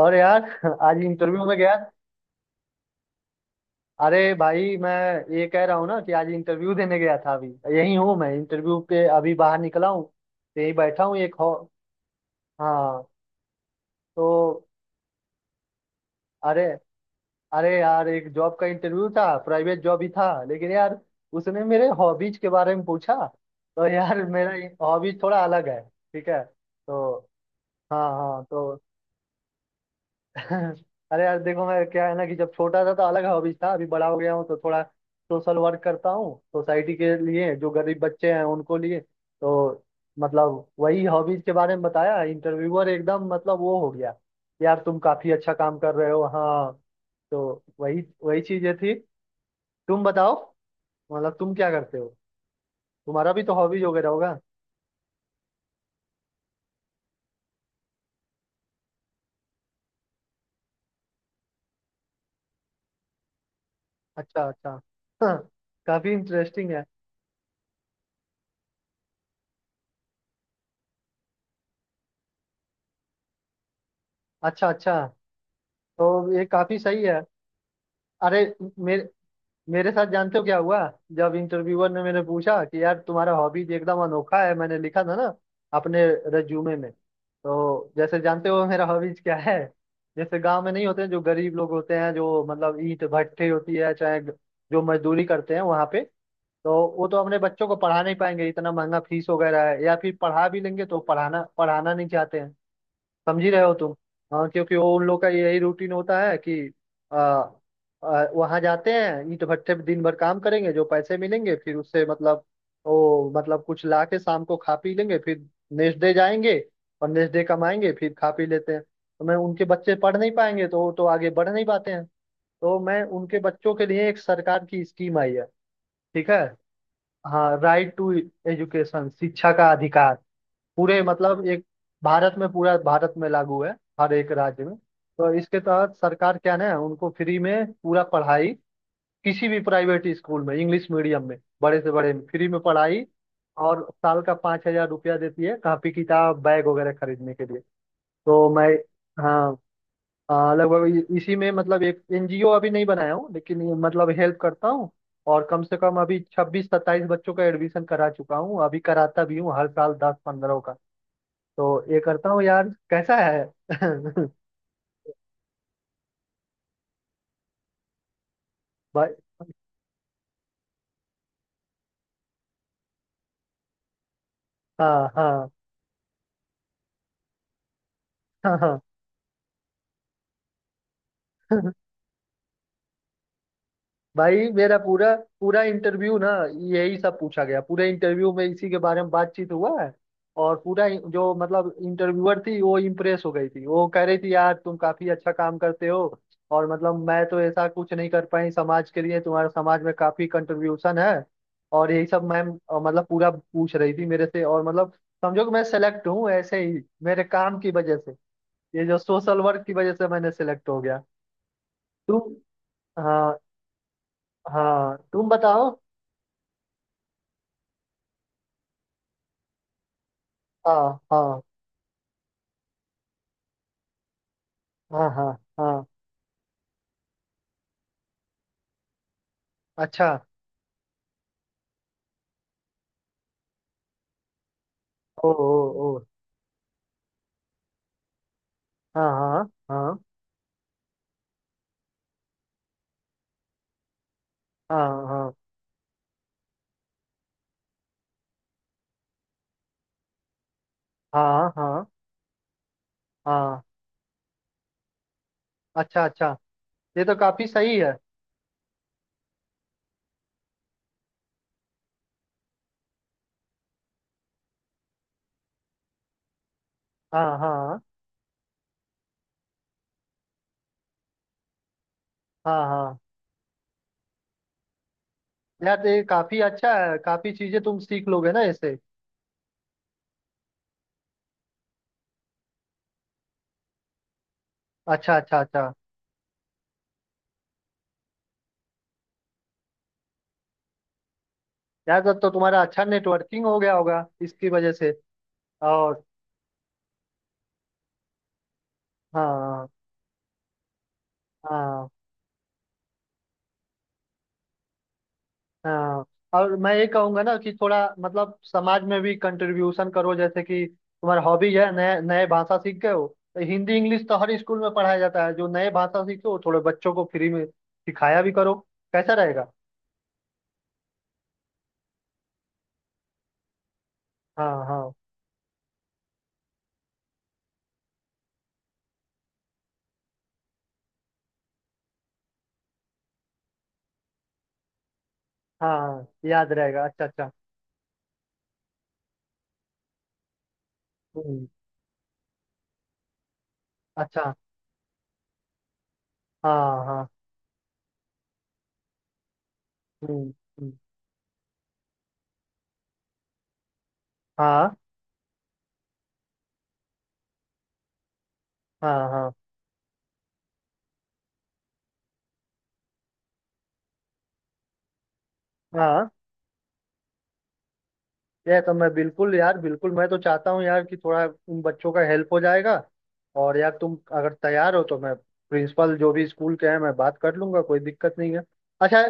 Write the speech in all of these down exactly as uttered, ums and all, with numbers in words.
और यार आज इंटरव्यू में गया। अरे भाई मैं ये कह रहा हूँ ना कि आज इंटरव्यू देने गया था अभी। यही हूँ, मैं इंटरव्यू पे अभी बाहर निकला हूँ। तो यही बैठा हूँ एक हॉ हाँ, तो अरे अरे यार, एक जॉब का इंटरव्यू था, प्राइवेट जॉब ही था लेकिन यार। उसने मेरे हॉबीज के बारे में पूछा। तो यार मेरा हॉबीज थोड़ा अलग है। ठीक है, तो हाँ, हाँ, तो अरे यार देखो, मैं क्या है ना कि जब छोटा था तो अलग हॉबीज था, अभी बड़ा हो गया हूँ तो थोड़ा सोशल वर्क करता हूँ सोसाइटी के लिए, जो गरीब बच्चे हैं उनको लिए। तो मतलब वही हॉबीज के बारे में बताया। इंटरव्यूअर एकदम मतलब वो हो गया, यार तुम काफी अच्छा काम कर रहे हो, हाँ। तो वही वही चीजें थी। तुम बताओ, मतलब तुम क्या करते हो? तुम्हारा भी तो हॉबीज वगैरह होगा। अच्छा, अच्छा। काफी इंटरेस्टिंग है। अच्छा, अच्छा। तो ये काफी सही है। अरे, मेरे मेरे साथ जानते हो क्या हुआ? जब इंटरव्यूअर ने मैंने पूछा कि यार तुम्हारा हॉबीज एकदम अनोखा है, मैंने लिखा था ना अपने रिज्यूमे में। तो जैसे जानते हो मेरा हॉबीज क्या है? जैसे गांव में नहीं होते हैं जो गरीब लोग होते हैं, जो मतलब ईंट भट्ठी होती है, चाहे ग- जो मजदूरी करते हैं वहां पे। तो वो तो अपने बच्चों को पढ़ा नहीं पाएंगे, इतना महंगा फीस वगैरह है, या फिर पढ़ा भी लेंगे तो पढ़ाना पढ़ाना नहीं चाहते हैं। समझ ही रहे हो तुम। हाँ, क्योंकि वो उन लोग का यही रूटीन होता है कि आ, आ, वहां जाते हैं, ईंट भट्टे पे दिन भर काम करेंगे, जो पैसे मिलेंगे फिर उससे मतलब वो मतलब कुछ ला के शाम को खा पी लेंगे, फिर नेक्स्ट डे जाएंगे। और नेक्स्ट डे कमाएंगे फिर खा पी लेते हैं, तो मैं उनके बच्चे पढ़ नहीं पाएंगे, तो वो तो आगे बढ़ नहीं पाते हैं। तो मैं उनके बच्चों के लिए, एक सरकार की स्कीम आई है। ठीक है। हाँ, राइट टू एजुकेशन, शिक्षा का अधिकार। पूरे मतलब एक भारत में, पूरा भारत में लागू है, हर एक राज्य में। तो इसके तहत सरकार क्या ना, उनको फ्री में पूरा पढ़ाई, किसी भी प्राइवेट स्कूल में, इंग्लिश मीडियम में, बड़े से बड़े में फ्री में पढ़ाई। और साल का पाँच हजार रुपया देती है, कॉपी किताब बैग वगैरह खरीदने के लिए। तो मैं हाँ, हाँ, लगभग इ- इसी में मतलब एक एनजीओ अभी नहीं बनाया हूँ लेकिन ये मतलब हेल्प करता हूँ। और कम से कम अभी छब्बीस सत्ताईस बच्चों का एडमिशन करा चुका हूँ, अभी कराता भी हूँ हर साल दस पंद्रह का। तो ये करता हूँ यार, कैसा है? भाई, हाँ, हाँ, हाँ, हाँ। भाई मेरा पूरा पूरा इंटरव्यू ना, यही सब पूछा गया। पूरे इंटरव्यू में इसी के बारे में बातचीत हुआ है। और पूरा इ- जो मतलब इंटरव्यूअर थी वो इम्प्रेस हो गई थी, वो कह रही थी यार तुम काफी अच्छा काम करते हो। और मतलब मैं तो ऐसा कुछ नहीं कर पाई समाज के लिए, तुम्हारा समाज में काफी कंट्रीब्यूशन है। और यही सब मैम अ, मतलब पूरा पूछ रही थी मेरे से, और मतलब समझो कि मैं सेलेक्ट हूँ ऐसे ही, मेरे काम की वजह से, ये जो सोशल वर्क की वजह से मैंने सिलेक्ट हो गया। तुम हाँ, हाँ, तुम बताओ। हाँ, हाँ, हाँ, हाँ, हाँ। अच्छा। ओ, ओ, ओ। हाँ, हाँ, हाँ, हाँ, हाँ, हाँ, हाँ, हाँ। अच्छा, अच्छा। ये तो काफी सही है। हाँ, हाँ, हाँ, हाँ, यार तो ये काफी अच्छा है, काफी चीजें तुम सीख लोगे ना इससे। अच्छा, अच्छा, अच्छा, यार तब तो तुम्हारा अच्छा नेटवर्किंग हो गया होगा इसकी वजह से। और हाँ, हाँ, हाँ, और मैं ये कहूंगा ना कि थोड़ा मतलब समाज में भी कंट्रीब्यूशन करो, जैसे कि तुम्हारा हॉबी है नए नए भाषा सीख गए हो। तो हिंदी इंग्लिश तो हर स्कूल में पढ़ाया जाता है, जो नए भाषा सीखे हो थोड़े बच्चों को फ्री में सिखाया भी करो। कैसा रहेगा? हाँ, हाँ, हाँ, हाँ, याद रहेगा, अच्छा, अच्छा, हम्म, अच्छा, हाँ, हाँ, हम्म, हम्म, हाँ, हाँ, हाँ, हाँ, ये तो मैं बिल्कुल यार, बिल्कुल मैं तो चाहता हूँ यार कि थोड़ा उन बच्चों का हेल्प हो जाएगा। और यार तुम अगर तैयार हो तो मैं प्रिंसिपल जो भी स्कूल के हैं मैं बात कर लूंगा, कोई दिक्कत नहीं है। अच्छा,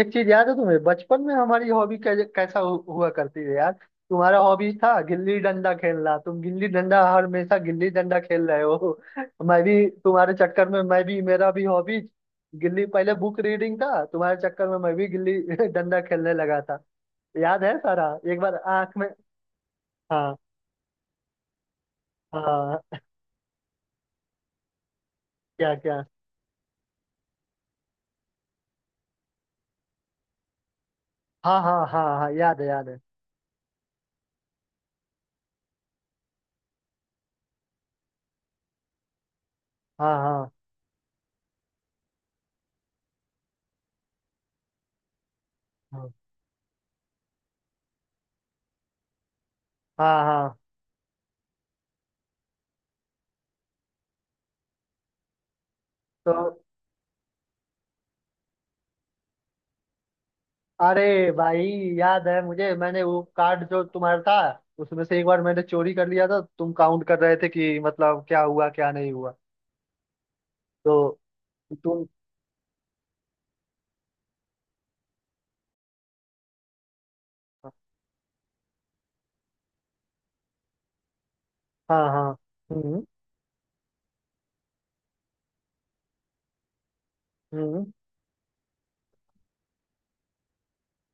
एक चीज याद है तुम्हें? बचपन में हमारी हॉबी कैसा हु, हुआ करती है यार? तुम्हारा हॉबी था गिल्ली डंडा खेलना, तुम गिल्ली डंडा, हमेशा गिल्ली डंडा खेल रहे हो। मैं भी तुम्हारे चक्कर में, मैं भी मेरा भी हॉबी गिल्ली, पहले बुक रीडिंग था, तुम्हारे चक्कर में मैं भी गिल्ली डंडा खेलने लगा था। याद है सारा, एक बार आंख में हाँ, हाँ। क्या क्या? हाँ, हाँ, हाँ, हाँ, याद है, याद है, हाँ, हाँ, हाँ, हाँ, हाँ। तो अरे भाई, याद है मुझे, मैंने वो कार्ड जो तुम्हारा था, उसमें से एक बार मैंने चोरी कर लिया था, तुम काउंट कर रहे थे कि मतलब क्या हुआ क्या नहीं हुआ। तो तुम हाँ, हाँ, हम्म, हम्म,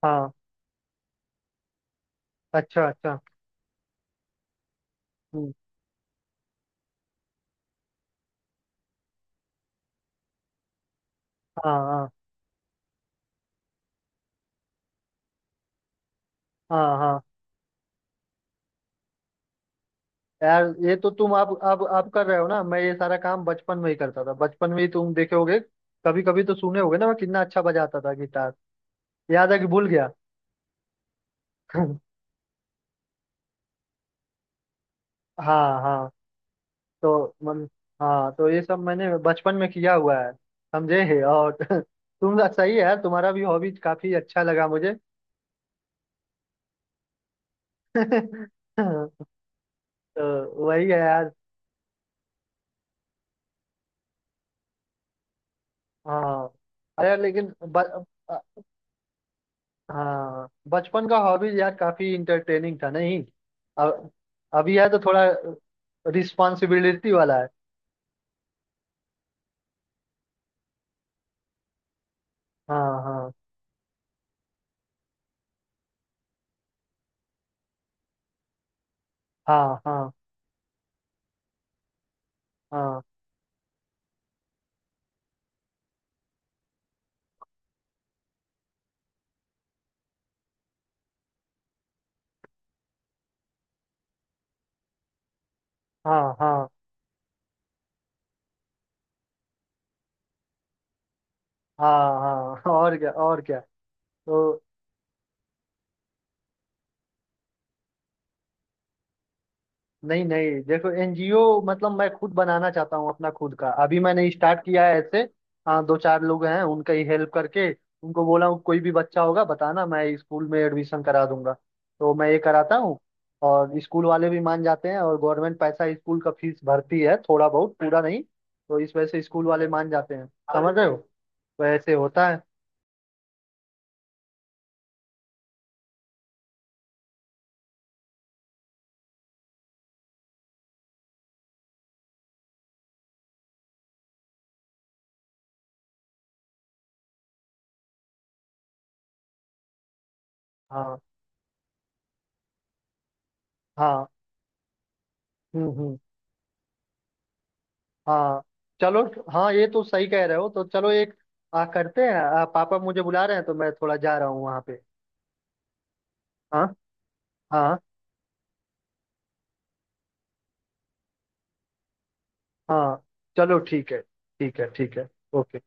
हाँ, अच्छा, अच्छा, हम्म, हाँ, हाँ, हाँ, हाँ, यार ये तो तुम आप आप आप कर रहे हो ना, मैं ये सारा काम बचपन में ही करता था, बचपन में ही तुम देखे होगे, कभी कभी तो सुने होगे ना, मैं कितना अच्छा बजाता था गिटार। याद है कि भूल गया? हाँ, हाँ, तो मन, हाँ, तो ये सब मैंने बचपन में किया हुआ है, समझे है? और तुम सही है यार, तुम्हारा भी हॉबी काफी अच्छा लगा मुझे। तो वही है यार, हाँ। अरे लेकिन ब, हाँ, बचपन का हॉबीज यार काफी इंटरटेनिंग था नहीं? अब अभी है तो थोड़ा रिस्पॉन्सिबिलिटी वाला है। हाँ, हाँ, हाँ, हाँ, हाँ, हाँ, हाँ, हाँ, हाँ, और क्या और क्या? तो नहीं, नहीं, देखो एनजीओ मतलब मैं खुद बनाना चाहता हूँ अपना खुद का, अभी मैंने स्टार्ट किया है ऐसे। हाँ, दो चार लोग हैं उनका ही हेल्प करके उनको बोला हूँ, कोई भी बच्चा होगा बताना मैं स्कूल में एडमिशन करा दूंगा। तो मैं ये कराता हूँ। और स्कूल वाले भी मान जाते हैं, और गवर्नमेंट पैसा स्कूल का फीस भरती है, थोड़ा बहुत, पूरा नहीं। तो इस वजह से स्कूल वाले मान जाते हैं, समझ रहे हो? वैसे होता है। हाँ, हाँ, हम्म, हम्म, हाँ, चलो, हाँ, ये तो सही कह रहे हो, तो चलो एक आ, करते हैं। आ, पापा मुझे बुला रहे हैं, तो मैं थोड़ा जा रहा हूँ वहाँ पे। हाँ, हाँ, हाँ, चलो, ठीक है, ठीक है, ठीक है, ओके।